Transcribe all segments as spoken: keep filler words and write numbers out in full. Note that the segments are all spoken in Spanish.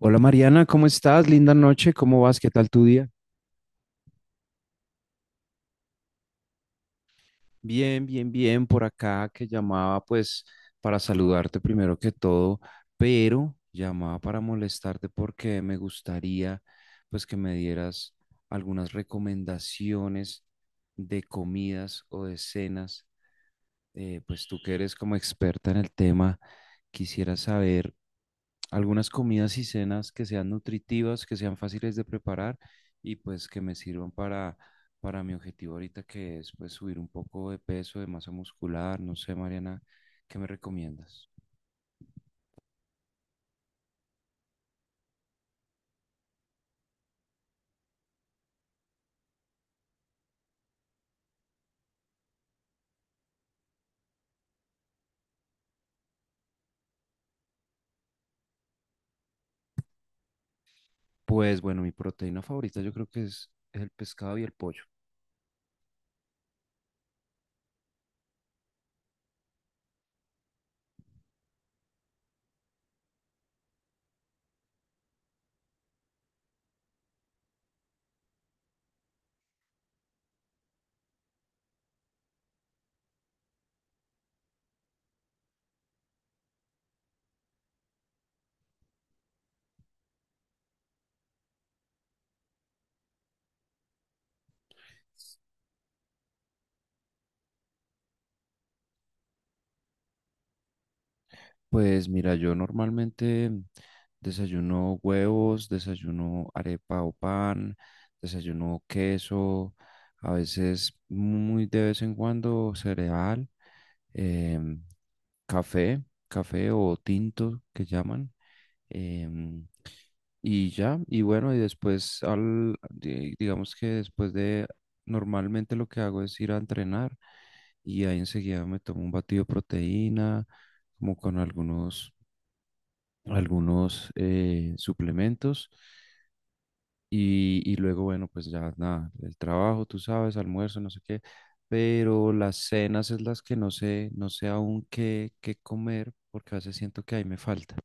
Hola Mariana, ¿cómo estás? Linda noche, ¿cómo vas? ¿Qué tal tu día? Bien, bien, bien, por acá que llamaba, pues, para saludarte primero que todo, pero llamaba para molestarte porque me gustaría pues que me dieras algunas recomendaciones de comidas o de cenas. Eh, pues tú que eres como experta en el tema, quisiera saber algunas comidas y cenas que sean nutritivas, que sean fáciles de preparar y pues que me sirvan para, para mi objetivo ahorita, que es pues subir un poco de peso, de masa muscular, no sé, Mariana, ¿qué me recomiendas? Pues bueno, mi proteína favorita yo creo que es el pescado y el pollo. Pues mira, yo normalmente desayuno huevos, desayuno arepa o pan, desayuno queso, a veces muy de vez en cuando cereal. em, Café, café o tinto que llaman. em, y ya, y bueno, y después al, di- digamos que después de, normalmente lo que hago es ir a entrenar y ahí enseguida me tomo un batido de proteína, como con algunos, algunos eh, suplementos. Y, y luego, bueno, pues ya nada, el trabajo, tú sabes, almuerzo, no sé qué, pero las cenas es las que no sé, no sé aún qué, qué comer, porque a veces siento que ahí me falta.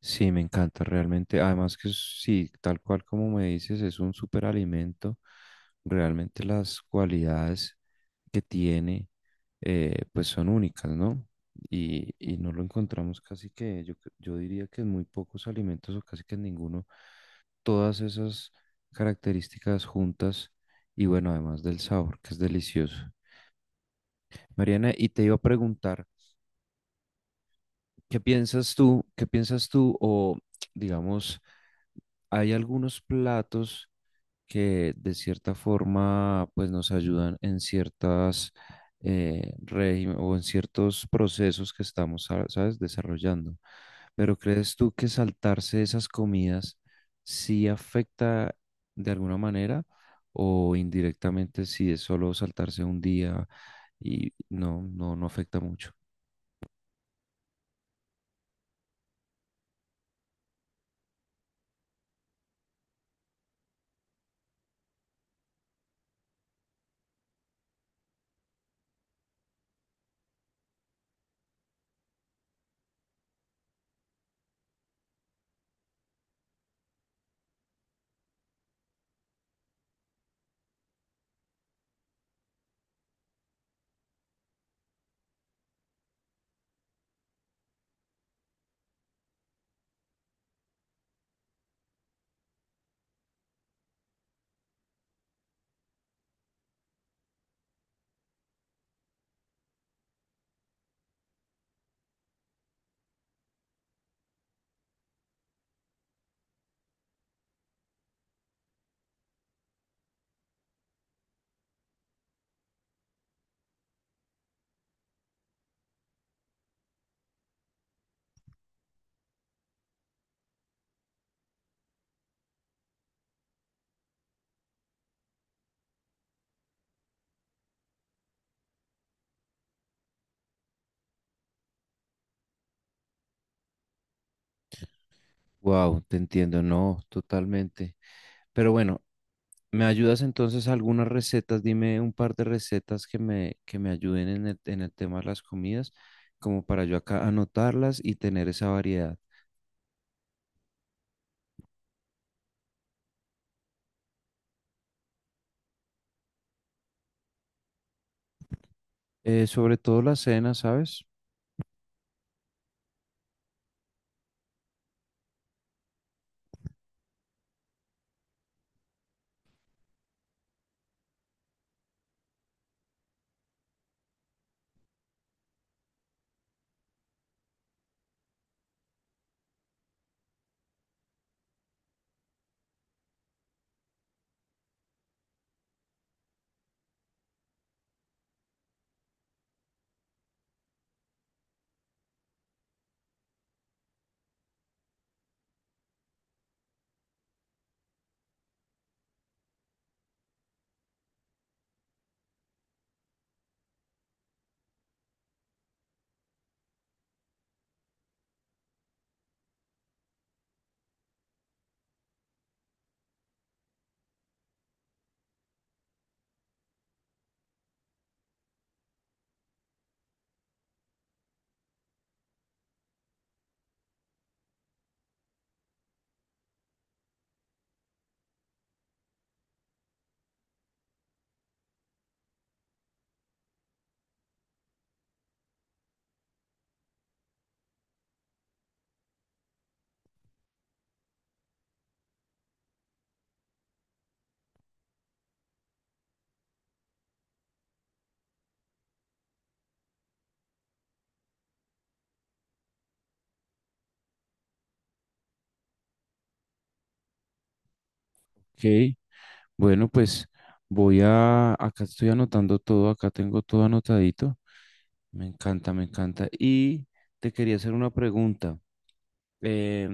Sí, me encanta realmente. Además que es- sí, tal cual como me dices, es un superalimento. Realmente las cualidades que tiene, eh, pues son únicas, ¿no? Y, y no lo encontramos casi que, yo, cre- yo diría que en muy pocos alimentos o casi que en ninguno, todas esas características juntas, y bueno, además del sabor, que es delicioso. Mariana, y te iba a preguntar, ¿qué piensas tú? ¿Qué piensas tú o digamos... hay algunos platos que de cierta forma pues nos ayudan en ciertas eh, régimen o en ciertos procesos que estamos, sa- ¿sabes?, desarrollando. Pero ¿crees tú que saltarse esas comidas sí afecta de alguna manera o indirectamente si es solo saltarse un día y no, no, no afecta mucho? Wow, te entiendo, no, totalmente. Pero bueno, ¿me ayudas entonces a algunas recetas? Dime un par de recetas que me, que me ayuden en el, en el tema de las comidas, como para yo acá anotarlas y tener esa variedad. Eh, sobre todo la cena, ¿sabes? Ok, bueno, pues voy a... Acá estoy anotando todo, acá tengo todo anotadito. Me encanta, me encanta. Y te quería hacer una pregunta. eh,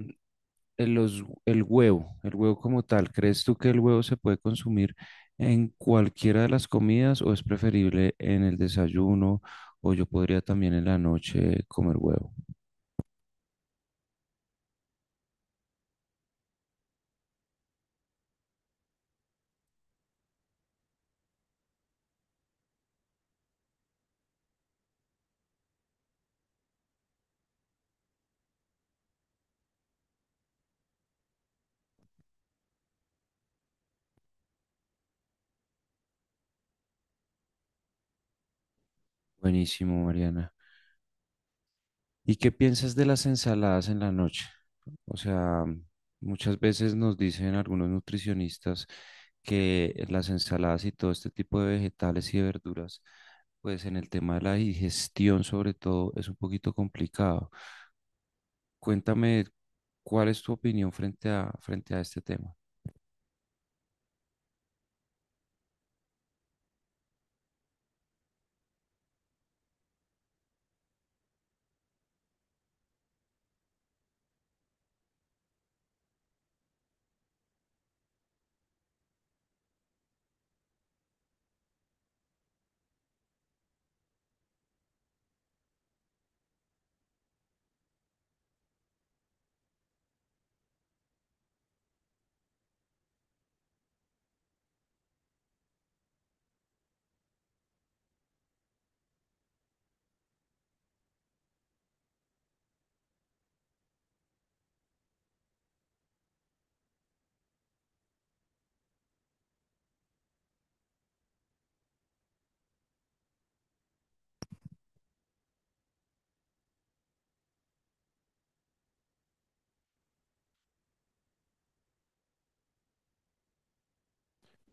el, los- el huevo, el huevo como tal, ¿crees tú que el huevo se puede consumir en cualquiera de las comidas o es preferible en el desayuno, o yo podría también en la noche comer huevo? Buenísimo, Mariana. ¿Y qué piensas de las ensaladas en la noche? O sea, muchas veces nos dicen algunos nutricionistas que las ensaladas y todo este tipo de vegetales y de verduras, pues en el tema de la digestión sobre todo es un poquito complicado. Cuéntame, ¿cuál es tu opinión frente a, frente a este tema?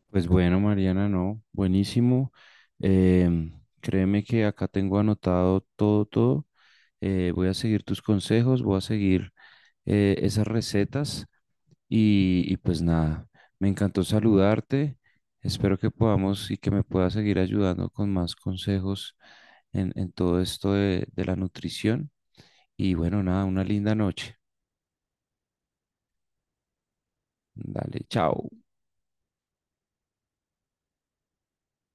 Pues bueno, Mariana, no, buenísimo. Em, Créeme que acá tengo anotado todo, todo. Eh, voy a seguir tus consejos, voy a seguir eh, esas recetas y, y pues nada, me encantó saludarte. Espero que podamos y que me puedas seguir ayudando con más consejos en, en todo esto de, de la nutrición. Y bueno, nada, una linda noche. Dale, chao.